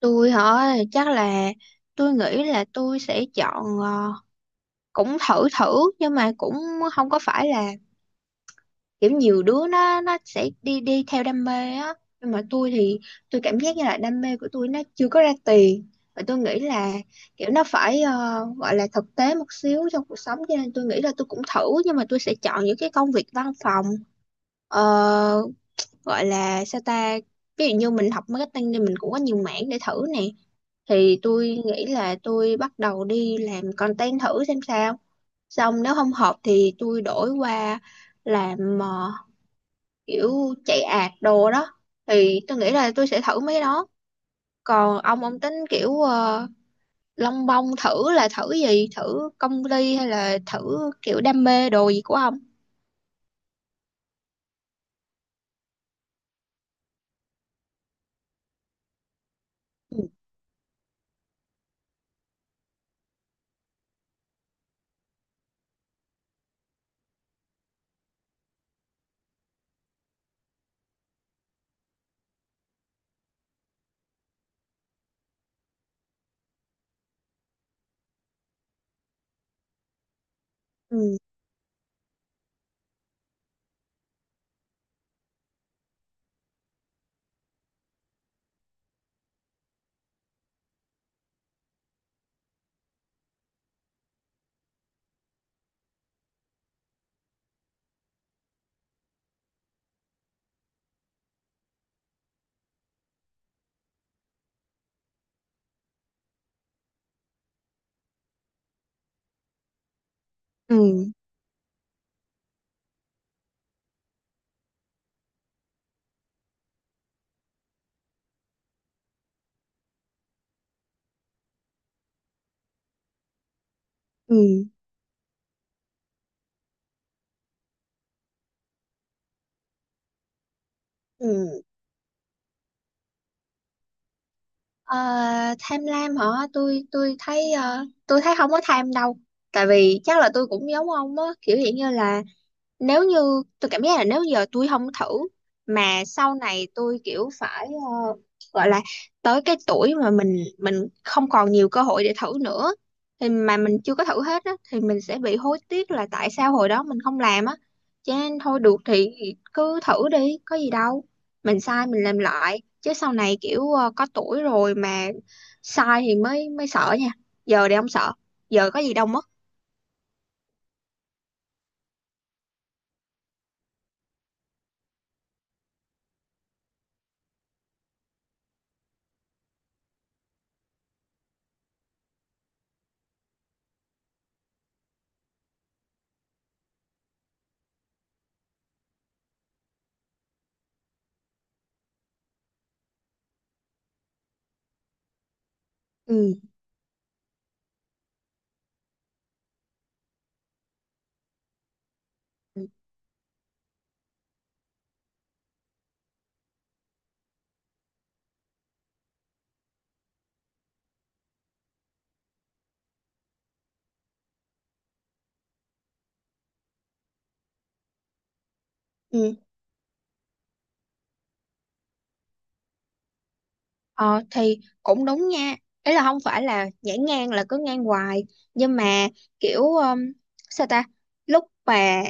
Tôi hả? Chắc là tôi nghĩ là tôi sẽ chọn, cũng thử thử, nhưng mà cũng không có phải là kiểu nhiều đứa nó sẽ đi đi theo đam mê á, nhưng mà tôi thì tôi cảm giác như là đam mê của tôi nó chưa có ra tiền và tôi nghĩ là kiểu nó phải, gọi là thực tế một xíu trong cuộc sống, cho nên tôi nghĩ là tôi cũng thử nhưng mà tôi sẽ chọn những cái công việc văn phòng. Ờ, Gọi là sao ta, ví dụ như mình học marketing thì mình cũng có nhiều mảng để thử nè, thì tôi nghĩ là tôi bắt đầu đi làm content thử xem sao, xong nếu không hợp thì tôi đổi qua làm, kiểu chạy ad đồ đó. Thì tôi nghĩ là tôi sẽ thử mấy cái đó. Còn ông tính kiểu, lông bông thử là thử gì, thử công ty hay là thử kiểu đam mê đồ gì của ông? Ừ, ừ, ừ. Ừ. Ờ, Tham lam hả? Tôi thấy, tôi thấy không có tham đâu. Tại vì chắc là tôi cũng giống ông á, kiểu hiện như là nếu như tôi cảm giác là nếu giờ tôi không thử mà sau này tôi kiểu phải, gọi là tới cái tuổi mà mình không còn nhiều cơ hội để thử nữa, thì mà mình chưa có thử hết á thì mình sẽ bị hối tiếc là tại sao hồi đó mình không làm á, cho nên thôi được thì cứ thử đi có gì đâu, mình sai mình làm lại chứ sau này kiểu, có tuổi rồi mà sai thì mới mới sợ nha, giờ thì không sợ, giờ có gì đâu mất. Ừ. Ừ. Ờ thì cũng đúng nha. Ý là không phải là nhảy ngang là cứ ngang hoài. Nhưng mà kiểu, sao ta. Lúc mà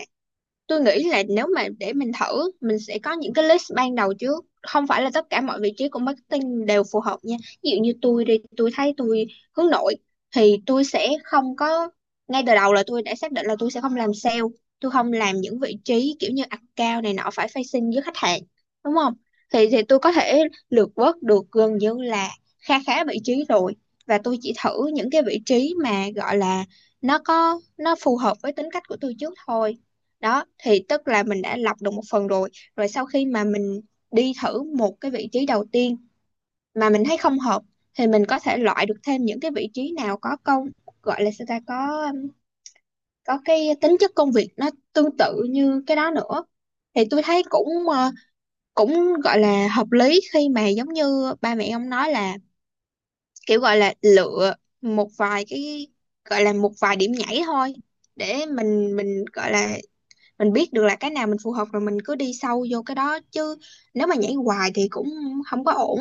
tôi nghĩ là nếu mà để mình thử, mình sẽ có những cái list ban đầu trước, không phải là tất cả mọi vị trí của marketing đều phù hợp nha. Ví dụ như tôi đi tôi thấy tôi hướng nội thì tôi sẽ không có, ngay từ đầu là tôi đã xác định là tôi sẽ không làm sale, tôi không làm những vị trí kiểu như account này nọ phải facing với khách hàng, đúng không? Thì tôi có thể lược vớt được gần như là kha khá vị trí rồi, và tôi chỉ thử những cái vị trí mà gọi là nó có nó phù hợp với tính cách của tôi trước thôi. Đó thì tức là mình đã lọc được một phần rồi, rồi sau khi mà mình đi thử một cái vị trí đầu tiên mà mình thấy không hợp thì mình có thể loại được thêm những cái vị trí nào có công, gọi là sao ta, có, có cái tính chất công việc nó tương tự như cái đó nữa. Thì tôi thấy cũng, cũng gọi là hợp lý khi mà giống như ba mẹ ông nói là kiểu gọi là lựa một vài cái, gọi là một vài điểm nhảy thôi, để mình gọi là mình biết được là cái nào mình phù hợp rồi mình cứ đi sâu vô cái đó, chứ nếu mà nhảy hoài thì cũng không có ổn.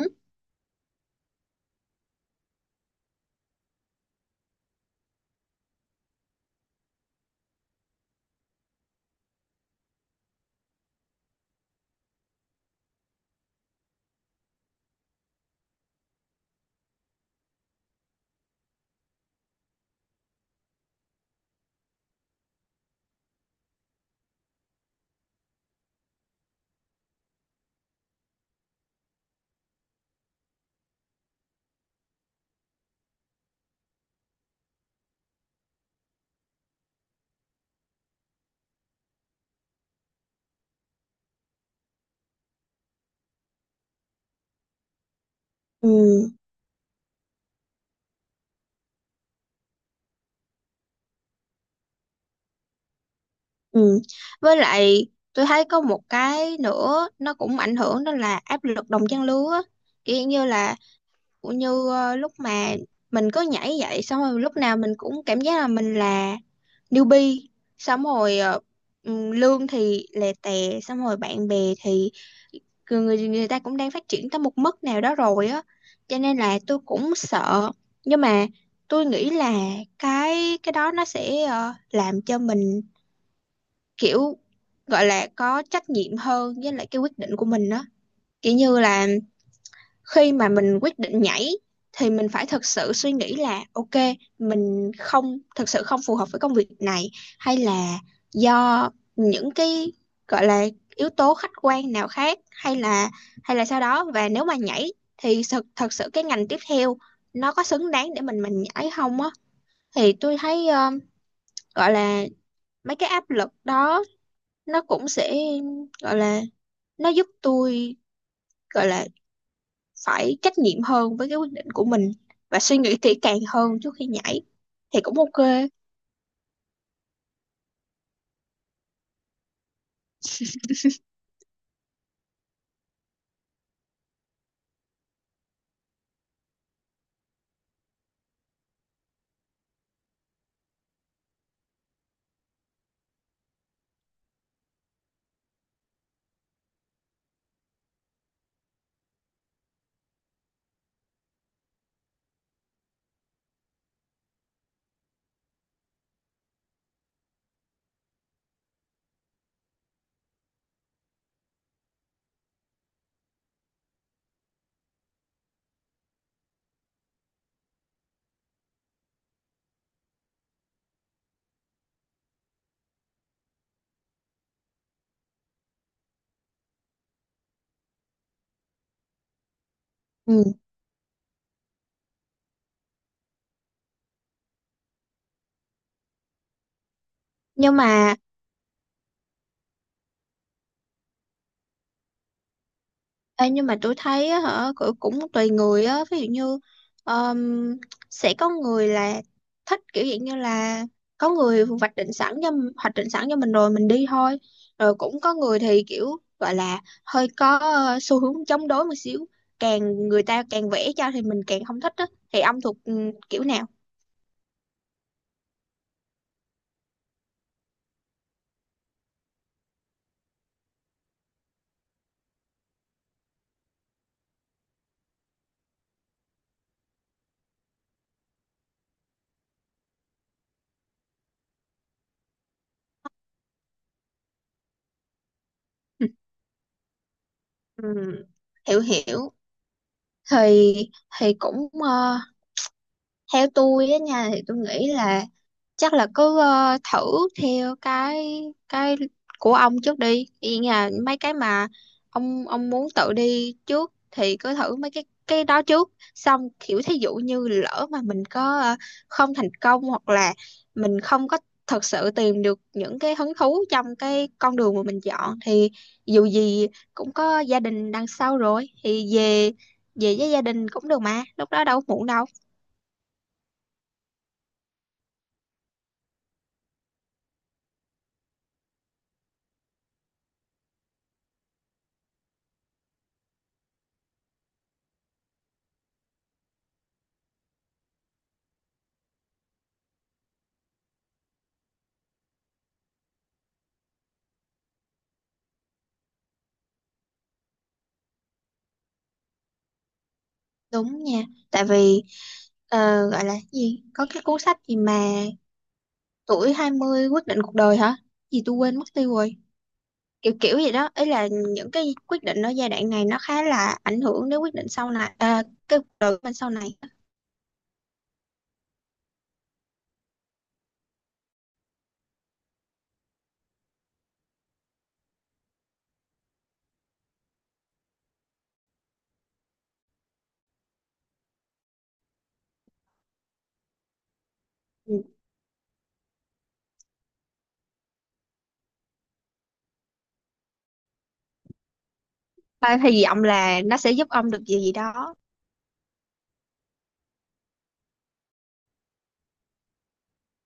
Ừ, ừ. Với lại tôi thấy có một cái nữa nó cũng ảnh hưởng, đó là áp lực đồng trang lứa á, kiểu như là cũng như, lúc mà mình cứ nhảy vậy xong rồi lúc nào mình cũng cảm giác là mình là newbie, xong rồi, lương thì lè tè, xong rồi bạn bè thì người người người ta cũng đang phát triển tới một mức nào đó rồi á, cho nên là tôi cũng sợ. Nhưng mà tôi nghĩ là cái đó nó sẽ, làm cho mình kiểu gọi là có trách nhiệm hơn với lại cái quyết định của mình đó, kiểu như là khi mà mình quyết định nhảy thì mình phải thật sự suy nghĩ là ok, mình không, thật sự không phù hợp với công việc này, hay là do những cái gọi là yếu tố khách quan nào khác, hay là, sau đó, và nếu mà nhảy thì thật thật sự cái ngành tiếp theo nó có xứng đáng để mình nhảy không á. Thì tôi thấy, gọi là mấy cái áp lực đó nó cũng sẽ, gọi là nó giúp tôi, gọi là phải trách nhiệm hơn với cái quyết định của mình và suy nghĩ kỹ càng hơn trước khi nhảy, thì cũng ok. Ừ. nhưng mà nhưng mà tôi thấy á, hả, cũng cũng tùy người á. Ví dụ như, ờm, sẽ có người là thích kiểu dạng như là có người hoạch định sẵn cho mình rồi mình đi thôi, rồi cũng có người thì kiểu gọi là hơi có, xu hướng chống đối một xíu, càng người ta càng vẽ cho thì mình càng không thích á, thì ông thuộc, kiểu nào? Ừ. Ừ, hiểu, hiểu. Thì thì cũng, theo tôi á nha, thì tôi nghĩ là chắc là cứ, thử theo cái cái của ông trước đi, ý là mấy cái mà ông muốn tự đi trước thì cứ thử mấy cái đó trước, xong kiểu thí dụ như lỡ mà mình có, không thành công hoặc là mình không có thật sự tìm được những cái hứng thú trong cái con đường mà mình chọn thì dù gì cũng có gia đình đằng sau rồi, thì về, với gia đình cũng được mà, lúc đó đâu có muộn đâu. Đúng nha, tại vì, ờ, gọi là cái gì, có cái cuốn sách gì mà tuổi 20 quyết định cuộc đời hả? Gì tôi quên mất tiêu rồi. Kiểu kiểu gì đó, ý là những cái quyết định ở giai đoạn này nó khá là ảnh hưởng đến quyết định sau này, à, cái cuộc đời của mình sau này. Ừ. Ba hy vọng là nó sẽ giúp ông được gì gì đó.